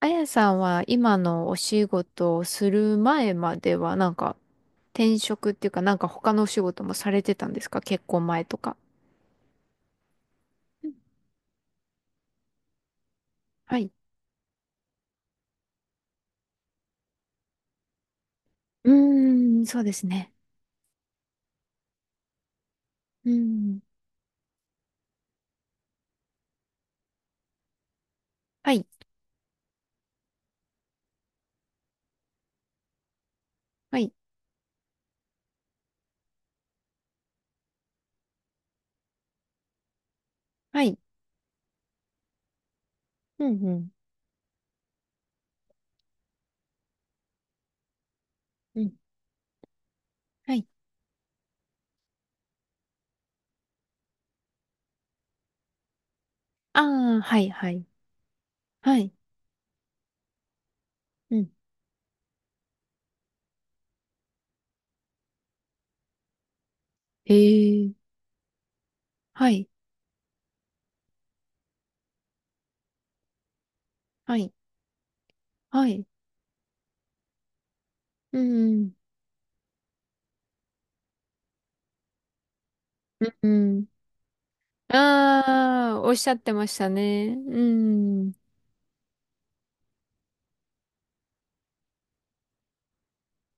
あやさんは今のお仕事をする前まではなんか、転職っていうかなんか他のお仕事もされてたんですか、結婚前とか。うん。はい。うーん、そうですね。うーん。はい。はい。はい。うん、うん。うん。はい。ああ、はい、はい。はい。うん。へえ。はい。はい。はい。うん。うん。ああー、おっしゃってましたね。うん。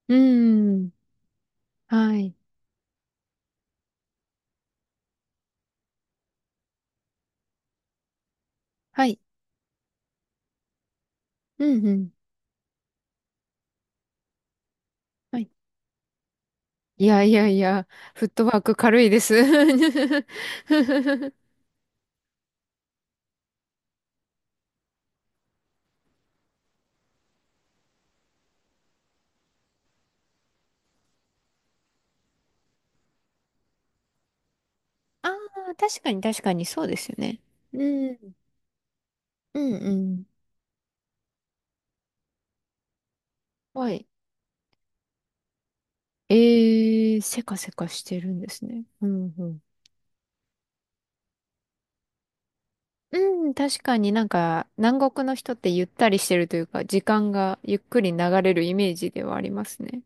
うん。はい。はい。うん、うん。はい。いやいやいや、フットワーク軽いです。ああ、確かに確かにそうですよね。うん、うんうん。はい。えー、せかせかしてるんですね。うんうん。うん、確かになんか南国の人ってゆったりしてるというか、時間がゆっくり流れるイメージではありますね。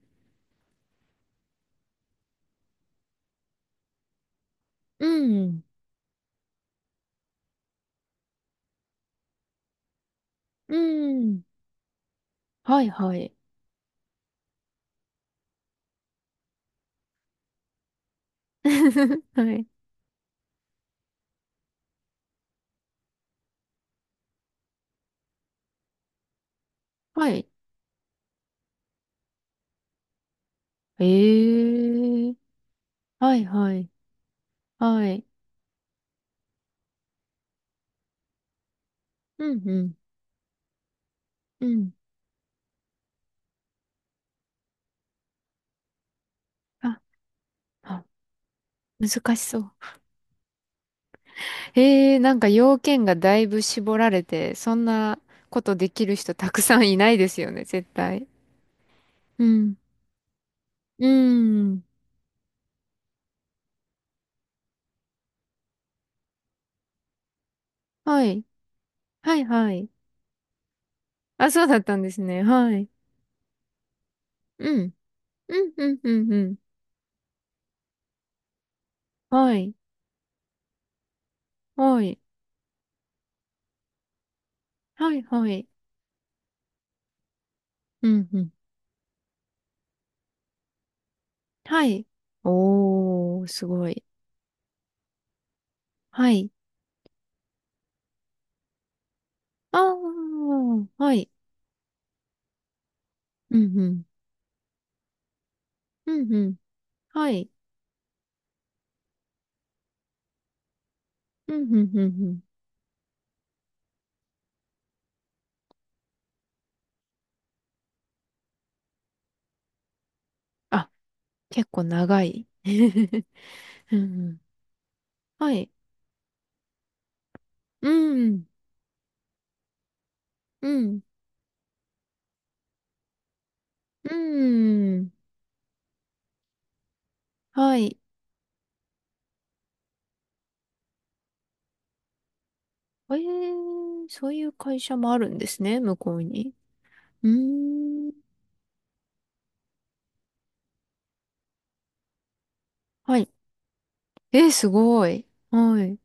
うん、うん。はいはい。はい。はい。えー、はいはい。はい。うんうん。うん。あ、あ、難しそう。えー、なんか要件がだいぶ絞られて、そんなことできる人たくさんいないですよね、絶対。うん。うーん。はい。はい、はい。あ、そうだったんですね。はい。うん。うん、うん、うん、うん。はい。はい。はい、はい。うん、うん。はい。おー、すごい。はい。あー、はい。うん、うん。うん、うん。はい。うん、うん、うん、うん。あ、結構長い。うんうん。はい。うん。うん。うん。はい。えー、そういう会社もあるんですね、向こうに。うーん。はい。えー、すごい。はい。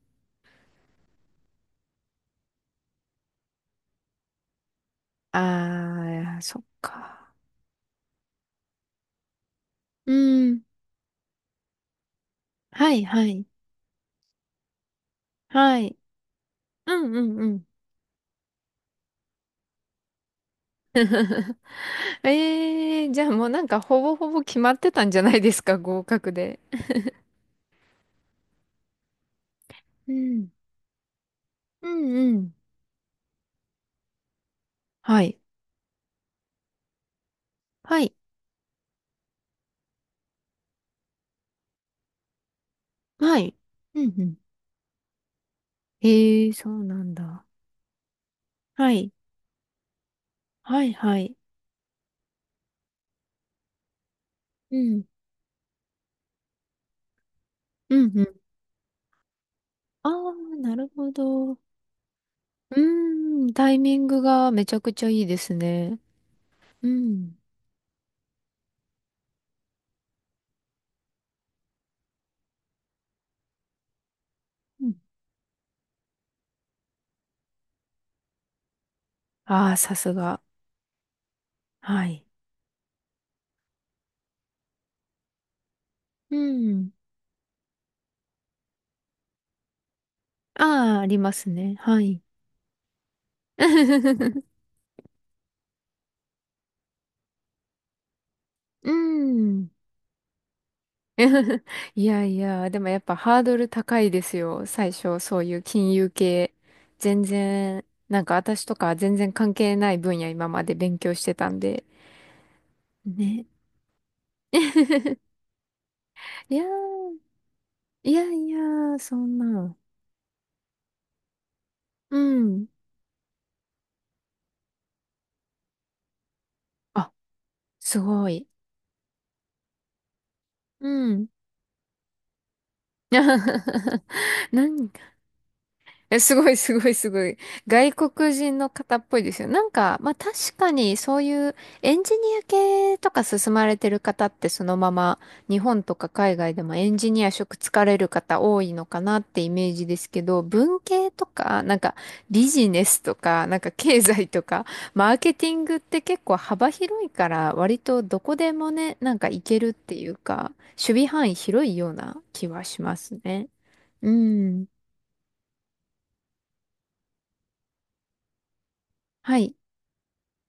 あー、そっか。うん。はい、はい。はい。うん、うん、うん。えー、じゃあもうなんかほぼほぼ決まってたんじゃないですか、合格で。うん。うん、うん。はい。はい。はい。うん、うん。えー、そうなんだ。はい。はい、はい。うん。うんうん。ああ、なるほど。うーん、タイミングがめちゃくちゃいいですね。うん。うん。ああー、さすが。はい。うん。ああ、ありますね。はい。うん。いやいや、でもやっぱハードル高いですよ。最初、そういう金融系。全然、なんか私とか全然関係ない分野今まで勉強してたんで。ね。いやー、いやいや、そんな。うん。あ、すごい。うん。何え、すごいすごいすごい。外国人の方っぽいですよ。なんか、まあ確かにそういうエンジニア系とか進まれてる方ってそのまま日本とか海外でもエンジニア職つかれる方多いのかなってイメージですけど、文系とか、なんかビジネスとか、なんか経済とか、マーケティングって結構幅広いから割とどこでもね、なんかいけるっていうか、守備範囲広いような気はしますね。うん。はい。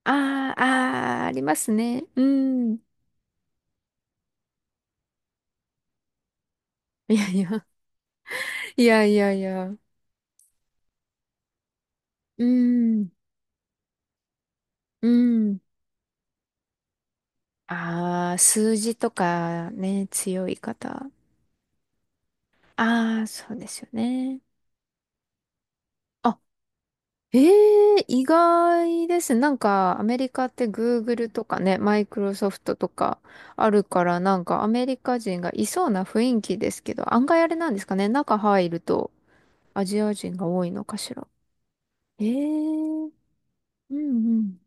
ああ、ああ、ありますね。うん。いやいや、いやいやいや。うん、うん。ああ、数字とかね、強い方。ああ、そうですよね。あ、ええ、意外です。なんか、アメリカって Google とかね、マイクロソフトとかあるから、なんかアメリカ人がいそうな雰囲気ですけど、案外あれなんですかね。中入るとアジア人が多いのかしら。ええ、うんうん。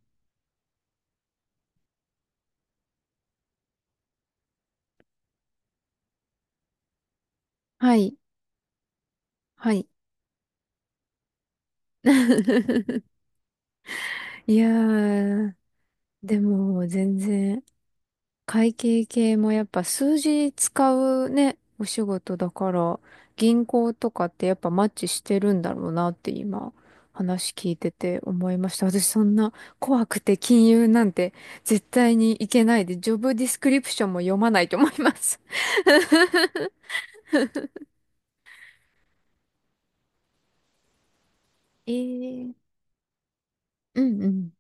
はい。はい。 いやー、でも全然、会計系もやっぱ数字使うね、お仕事だから、銀行とかってやっぱマッチしてるんだろうなって今、話聞いてて思いました。私そんな怖くて金融なんて絶対にいけないで、ジョブディスクリプションも読まないと思います。えー、うんうん。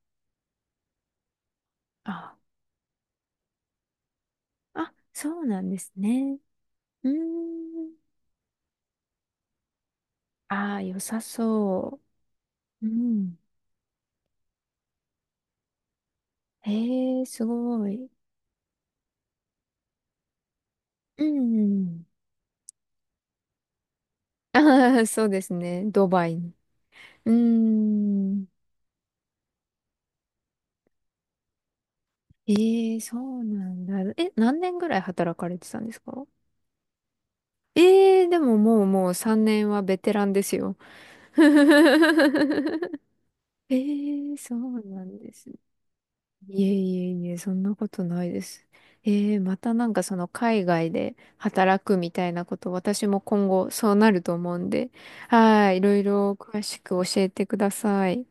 あ、あ、そうなんですね。うーん。ああ、良さそう。うん。ええー、すごい。うん。ああ、そうですね。ドバイに。うーん。ええ、そうなんだ。え、何年ぐらい働かれてたんですか？ええー、でも、もう3年はベテランですよ。ええ、そうなんですね。いえいえいえ、そんなことないです。ええ、またなんかその海外で働くみたいなこと、私も今後そうなると思うんで、はい、いろいろ詳しく教えてください。